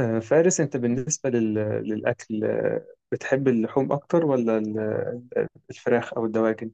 فارس، انت بالنسبة للأكل، بتحب اللحوم أكتر ولا الفراخ أو الدواجن؟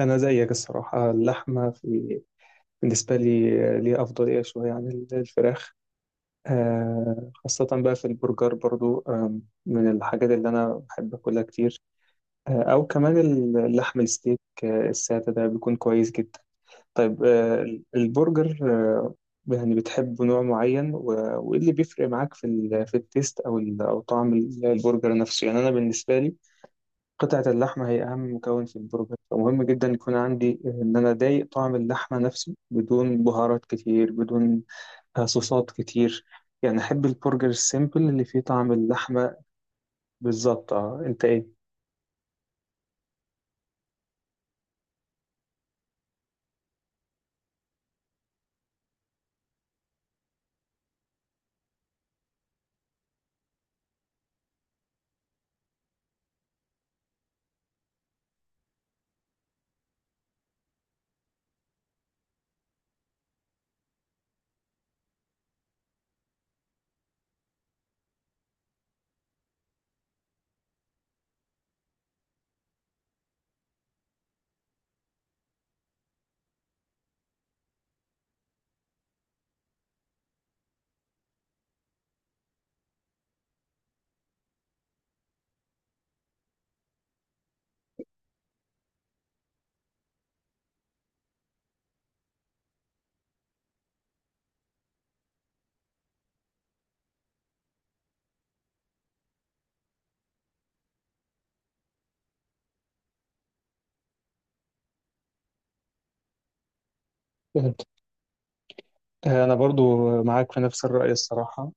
أنا زيك الصراحة، اللحمة بالنسبة لي، ليها أفضلية شوية عن الفراخ، خاصة بقى في البرجر. برضو من الحاجات اللي أنا بحب أكلها كتير، أو كمان اللحم الستيك، السادة ده بيكون كويس جدا. طيب، البرجر، يعني بتحب نوع معين، وايه اللي بيفرق معاك في التيست او طعم البرجر نفسه؟ يعني انا بالنسبه لي، قطعه اللحمه هي اهم مكون في البرجر، فمهم جدا يكون عندي ان انا ضايق طعم اللحمه نفسه، بدون بهارات كتير، بدون صوصات كتير. يعني احب البرجر السيمبل اللي فيه طعم اللحمه. بالظبط. اه انت ايه؟ فهمت. انا برضو معاك في نفس الرأي الصراحه،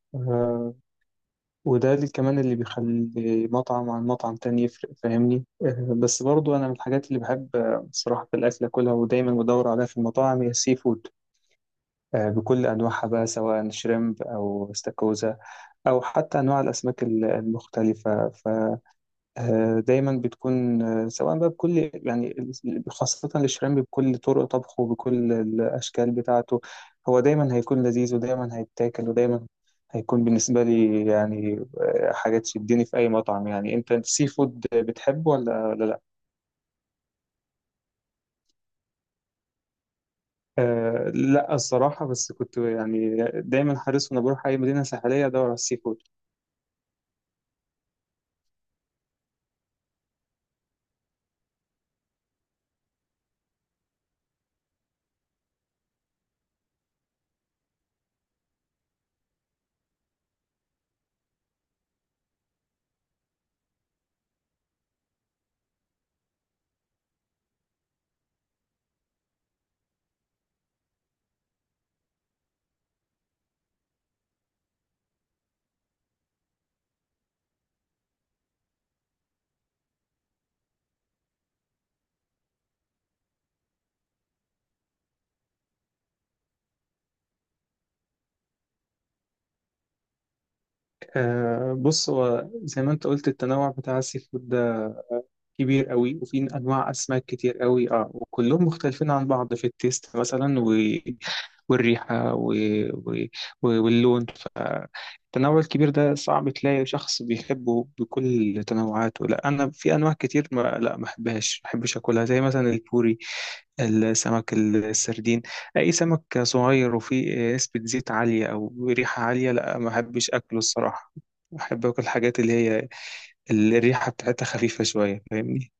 وده اللي كمان اللي بيخلي مطعم عن مطعم تاني يفرق، فاهمني؟ بس برضو أنا من الحاجات اللي بحب صراحة في الأكل أكلها، ودايما بدور عليها في المطاعم، هي السي فود، بكل أنواعها بقى، سواء شريمب أو استاكوزا، أو حتى أنواع الأسماك المختلفة. دايما بتكون سواء بقى بكل يعني، خاصة الشريمب بكل طرق طبخه بكل الأشكال بتاعته، هو دايما هيكون لذيذ ودايما هيتاكل، ودايما هيكون بالنسبة لي يعني حاجة تشدني في أي مطعم. يعني، أنت السي فود بتحبه ولا لأ؟ لا الصراحة، بس كنت يعني دايما حريص، وأنا بروح أي مدينة ساحلية أدور على السي فود. بص، هو زي ما أنت قلت، التنوع بتاع السي فود ده كبير قوي، وفي انواع اسماك كتير قوي، وكلهم مختلفين عن بعض في التيست مثلا، والريحه و... واللون. فالتنوع الكبير ده صعب تلاقي شخص بيحبه بكل تنوعاته. لا، انا في انواع كتير ما لا ما بحبهاش ما بحبش اكلها، زي مثلا البوري، السمك السردين، اي سمك صغير وفيه نسبه زيت عاليه او ريحه عاليه، لا ما بحبش اكله الصراحه. بحب اكل الحاجات اللي هي الريحه بتاعتها خفيفه شويه، فاهمني؟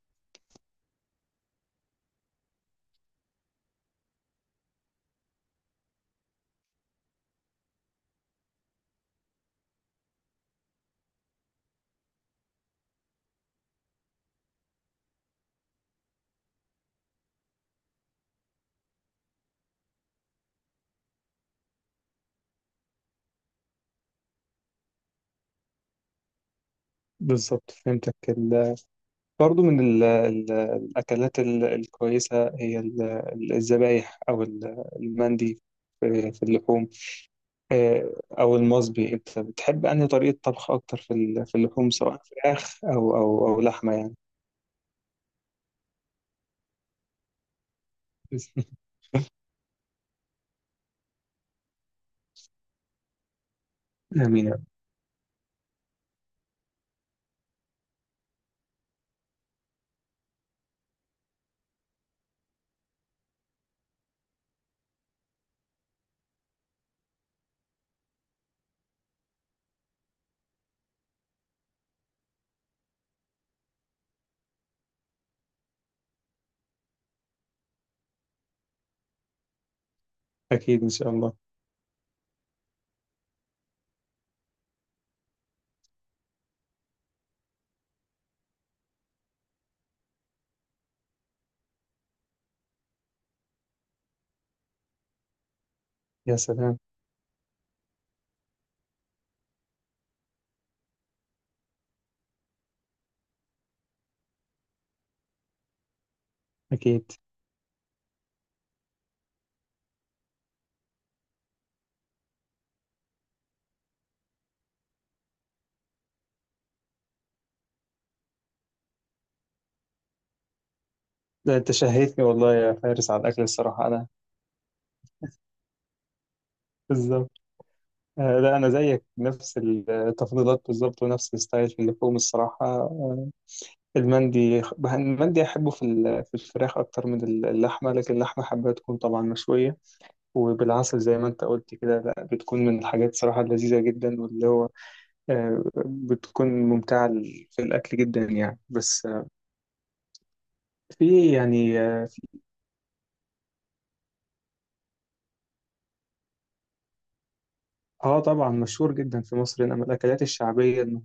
بالظبط، فهمتك. برضو من الأكلات الكويسة هي الذبايح أو المندي في اللحوم، آه، أو المصبي. أنت بتحب أنهي طريقة طبخ أكتر في اللحوم، سواء فراخ أو لحمة يعني؟ آمين يا رب. أكيد إن شاء الله. يا سلام. أكيد. ده أنت شهيتني والله يا فارس على الأكل الصراحة. أنا بالظبط. لا، أنا زيك نفس التفضيلات بالظبط، ونفس الستايل في اللحوم الصراحة. المندي المندي أحبه في الفراخ أكتر من اللحمة، لكن اللحمة حابة تكون طبعا مشوية وبالعسل زي ما أنت قلت كده. لا، بتكون من الحاجات صراحة اللذيذة جدا، واللي هو بتكون ممتعة في الأكل جدا يعني. بس آه، في يعني آه آه، طبعا مشهور جدا في مصر هنا من الأكلات الشعبية إنه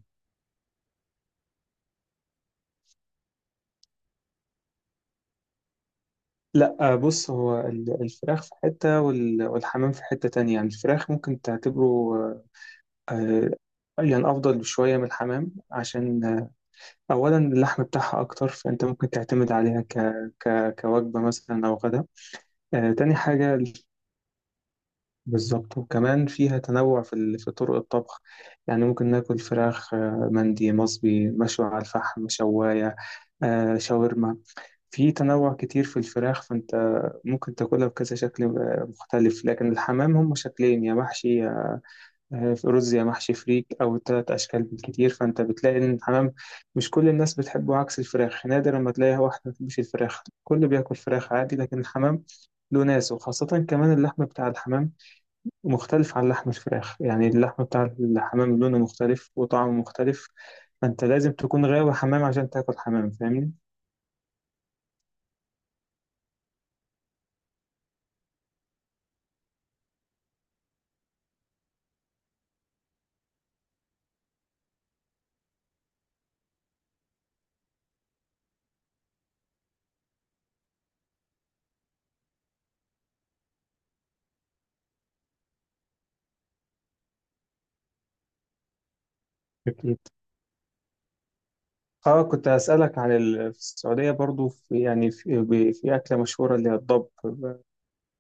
لا، بص هو الفراخ في حتة، والحمام في حتة تانية. يعني الفراخ ممكن تعتبره آه، يعني أفضل بشوية من الحمام، عشان أولا اللحم بتاعها أكتر، فأنت ممكن تعتمد عليها كوجبة مثلا أو غدا، تاني حاجة. بالظبط. وكمان فيها تنوع في طرق الطبخ. يعني ممكن ناكل فراخ مندي، مصبي، مشوي على الفحم، شواية، شاورما. في تنوع كتير في الفراخ، فأنت ممكن تاكلها بكذا شكل مختلف. لكن الحمام هم شكلين: يا محشي في رز، يا محشي فريك، أو تلات أشكال بالكتير. فأنت بتلاقي إن الحمام مش كل الناس بتحبه. عكس الفراخ، نادرا ما تلاقي واحد ما بتحبش الفراخ، كله بياكل فراخ عادي. لكن الحمام له ناس، وخاصة كمان اللحم بتاع الحمام مختلف عن لحم الفراخ. يعني اللحم بتاع الحمام لونه مختلف وطعمه مختلف. فأنت لازم تكون غاوي حمام عشان تاكل حمام، فاهمني؟ أكيد. اه كنت هسألك عن في السعودية برضو، في يعني في أكلة مشهورة اللي هي الضب،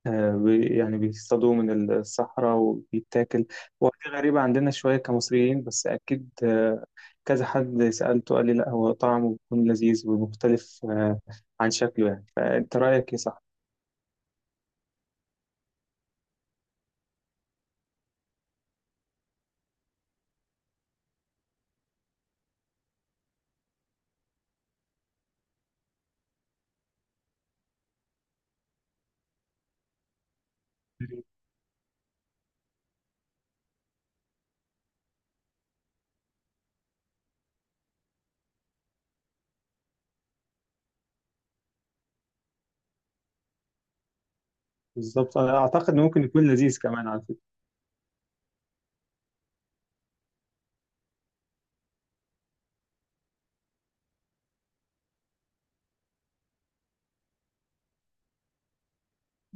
يعني بيصطادوه من الصحراء وبيتاكل. هو دي غريبة عندنا شوية كمصريين، بس أكيد كذا حد سألته قال لي لا، هو طعمه بيكون لذيذ ومختلف عن شكله يعني. فأنت رأيك إيه، صح؟ بالظبط، أنا أعتقد إنه ممكن يكون لذيذ كمان على فكرة.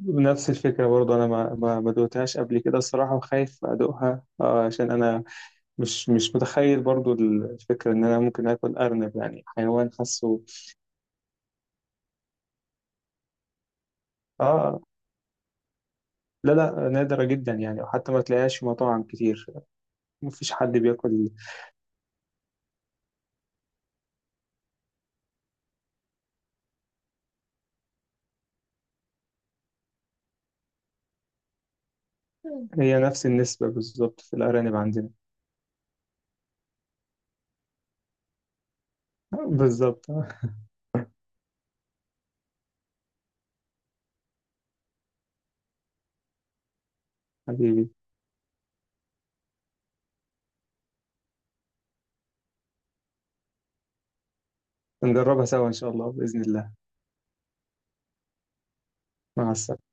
نفس الفكرة برضه. أنا ما دوقتهاش قبل كده الصراحة، وخايف أدوقها عشان أنا مش متخيل برضه الفكرة إن أنا ممكن آكل أرنب، يعني حيوان حاسه. آه، لا، لا، نادرة جدا يعني، وحتى ما تلاقيهاش في مطاعم كتير، مفيش حد بياكل. هي نفس النسبة بالظبط في الأرانب عندنا. بالظبط. حبيبي. نجربها سوا إن شاء الله، بإذن الله. مع السلامة.